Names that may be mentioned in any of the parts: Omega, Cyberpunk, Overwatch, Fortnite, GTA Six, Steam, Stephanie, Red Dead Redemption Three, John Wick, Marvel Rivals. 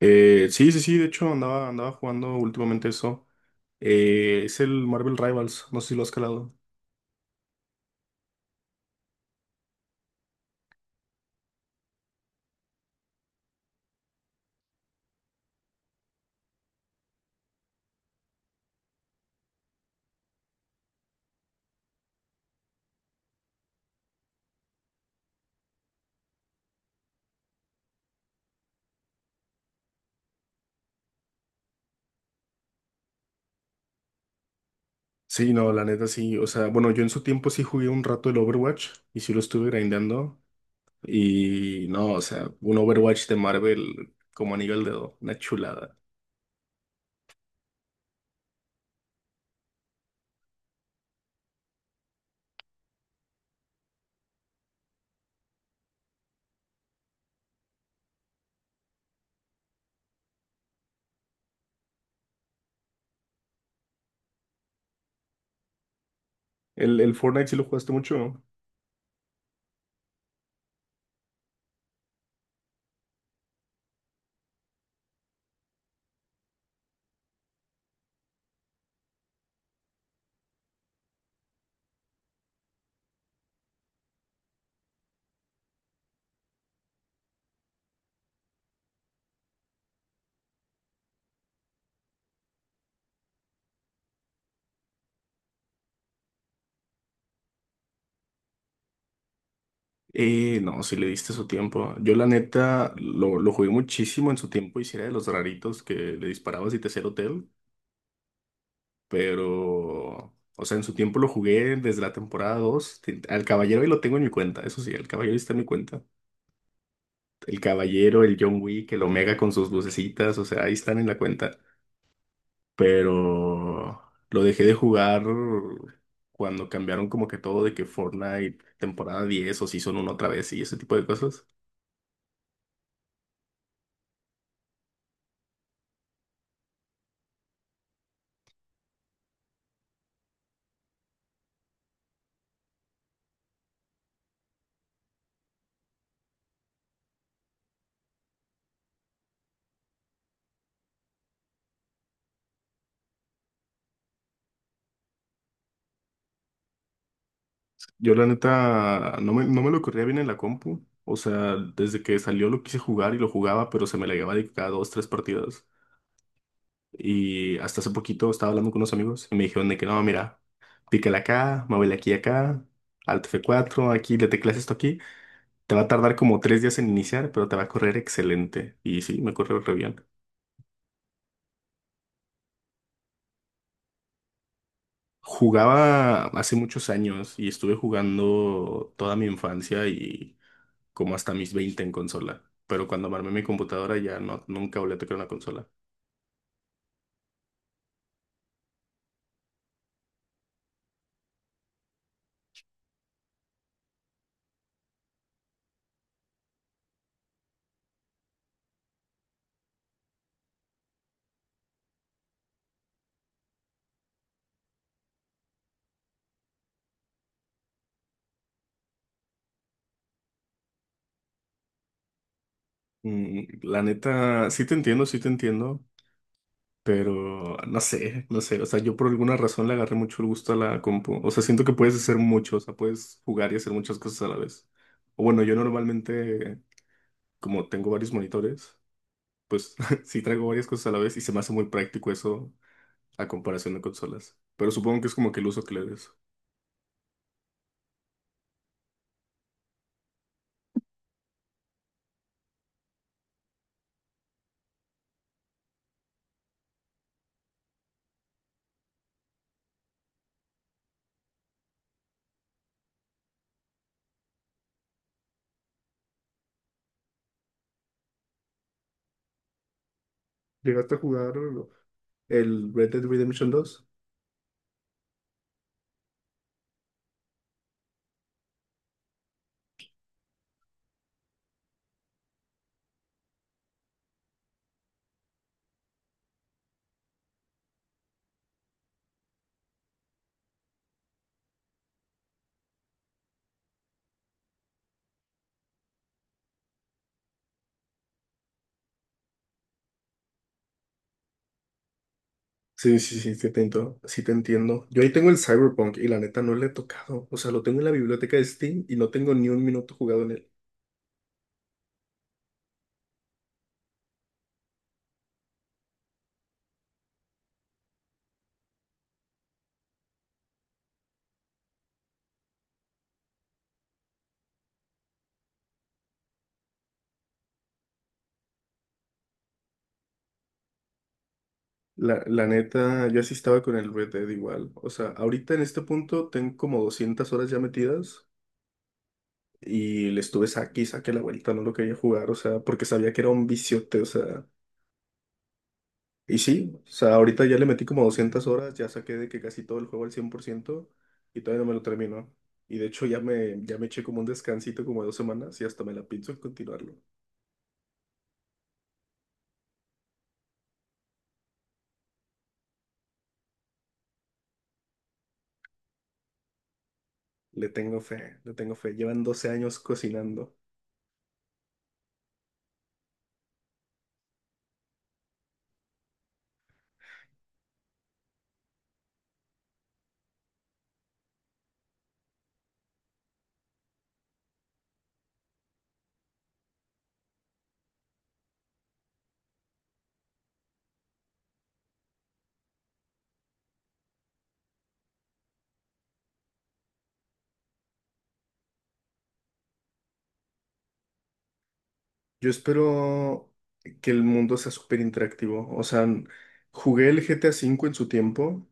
Sí, sí, sí, de hecho andaba jugando últimamente eso. Es el Marvel Rivals, no sé si lo has calado. Sí, no, la neta sí. O sea, bueno, yo en su tiempo sí jugué un rato el Overwatch y sí lo estuve grindando. Y no, o sea, un Overwatch de Marvel como anillo al dedo, una chulada. El Fortnite sí lo jugaste mucho. No, sí le diste su tiempo. Yo la neta lo jugué muchísimo en su tiempo y sí era de los raritos que le disparabas y te hacía el hotel. Pero, o sea, en su tiempo lo jugué desde la temporada dos. Al Caballero ahí lo tengo en mi cuenta, eso sí, el Caballero está en mi cuenta. El Caballero, el John Wick, el Omega con sus lucecitas, o sea, ahí están en la cuenta. Pero lo dejé de jugar cuando cambiaron como que todo de que Fortnite temporada 10 o Season 1 otra vez y ese tipo de cosas. Yo la neta no me lo corría bien en la compu. O sea, desde que salió lo quise jugar y lo jugaba, pero se me la llevaba de cada dos, tres partidas. Y hasta hace poquito estaba hablando con unos amigos y me dijeron de que no, mira, pícale acá, muévele aquí y acá, Alt F4 aquí le teclas esto aquí. Te va a tardar como 3 días en iniciar, pero te va a correr excelente. Y sí, me corre re bien. Jugaba hace muchos años y estuve jugando toda mi infancia y como hasta mis 20 en consola. Pero cuando armé mi computadora ya no, nunca volví a tocar una consola. La neta, sí te entiendo, sí te entiendo. Pero no sé, no sé. O sea, yo por alguna razón le agarré mucho el gusto a la compu. O sea, siento que puedes hacer mucho, o sea, puedes jugar y hacer muchas cosas a la vez. O bueno, yo normalmente, como tengo varios monitores, pues sí traigo varias cosas a la vez y se me hace muy práctico eso a comparación de consolas. Pero supongo que es como que el uso que le des. ¿Llegaste a jugar el Red Dead Redemption 2? Sí, sí, sí, sí te entiendo, sí te entiendo. Yo ahí tengo el Cyberpunk y la neta no le he tocado. O sea, lo tengo en la biblioteca de Steam y no tengo ni un minuto jugado en. La neta, yo así estaba con el Red Dead igual. O sea, ahorita en este punto tengo como 200 horas ya metidas y le estuve saque y saque la vuelta, no lo quería jugar, o sea, porque sabía que era un viciote, o sea. Y sí, o sea, ahorita ya le metí como 200 horas, ya saqué de que casi todo el juego al 100% y todavía no me lo termino. Y de hecho ya me eché como un descansito como de 2 semanas y hasta me la pienso en continuarlo. Le tengo fe, le tengo fe. Llevan 12 años cocinando. Yo espero que el mundo sea súper interactivo. O sea, jugué el GTA 5 en su tiempo,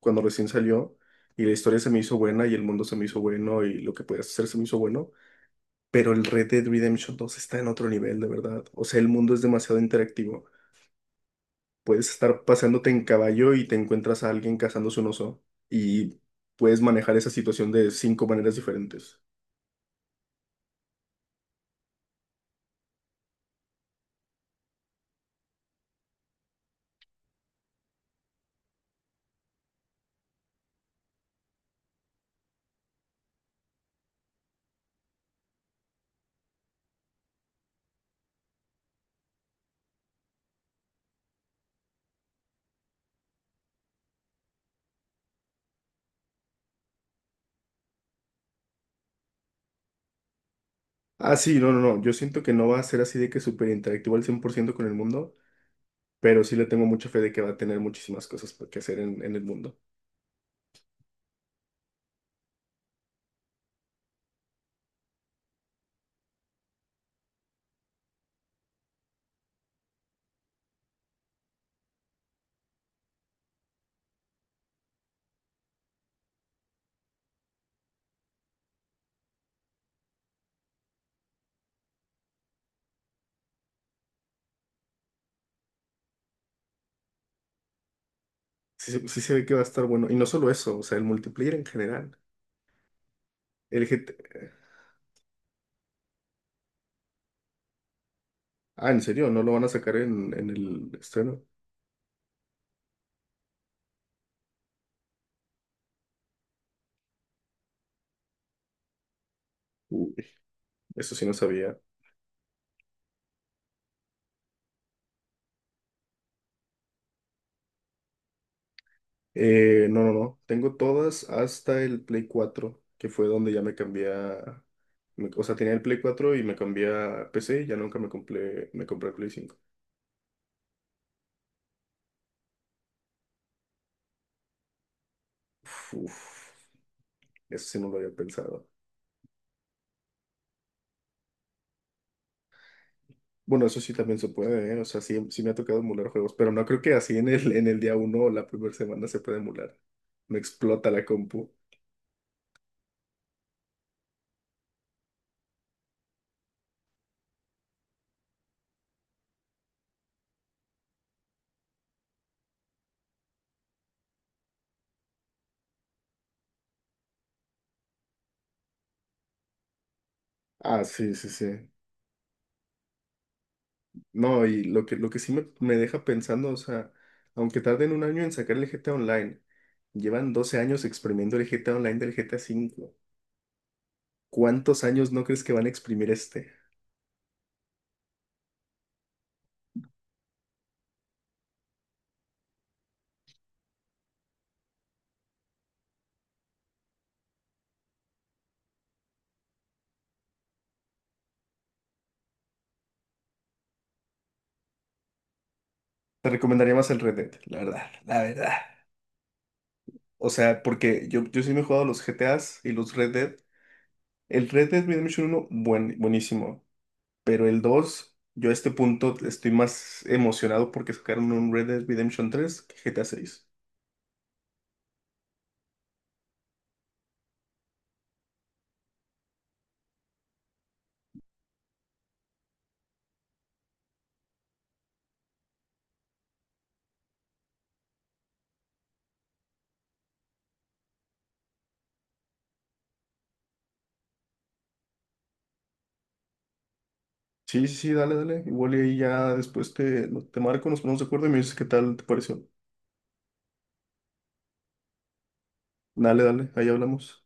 cuando recién salió, y la historia se me hizo buena y el mundo se me hizo bueno y lo que podías hacer se me hizo bueno. Pero el Red Dead Redemption 2 está en otro nivel, de verdad. O sea, el mundo es demasiado interactivo. Puedes estar paseándote en caballo y te encuentras a alguien cazándose un oso y puedes manejar esa situación de cinco maneras diferentes. Ah, sí, no, no, no. Yo siento que no va a ser así de que súper interactivo al 100% con el mundo, pero sí le tengo mucha fe de que va a tener muchísimas cosas que hacer en el mundo. Sí se ve que va a estar bueno. Y no solo eso, o sea, el multiplayer en general. El GT... Ah, ¿en serio? ¿No lo van a sacar en el estreno? Uy, eso sí no sabía. No, no, no. Tengo todas hasta el Play 4 que fue donde ya me cambié a. O sea, tenía el Play 4 y me cambié a PC y ya nunca me compré el Play 5. Uf, uf, eso sí no lo había pensado. Bueno, eso sí también se puede, ¿eh? O sea, sí, sí me ha tocado emular juegos, pero no creo que así en el día uno o la primera semana se pueda emular. Me explota la compu. Ah, sí, sí, sí. No, y lo que sí me deja pensando, o sea, aunque tarden un año en sacar el GTA Online, llevan 12 años exprimiendo el GTA Online del GTA 5. ¿Cuántos años no crees que van a exprimir este? Te recomendaría más el Red Dead, la verdad, la verdad. O sea, porque yo sí me he jugado los GTAs y los Red Dead. El Red Dead Redemption uno buenísimo. Pero el 2 yo a este punto estoy más emocionado porque sacaron un Red Dead Redemption 3 que GTA 6. Sí, sí, sí, dale, dale. Igual y ahí ya después te marco, nos ponemos de acuerdo y me dices qué tal te pareció. Dale, dale, ahí hablamos.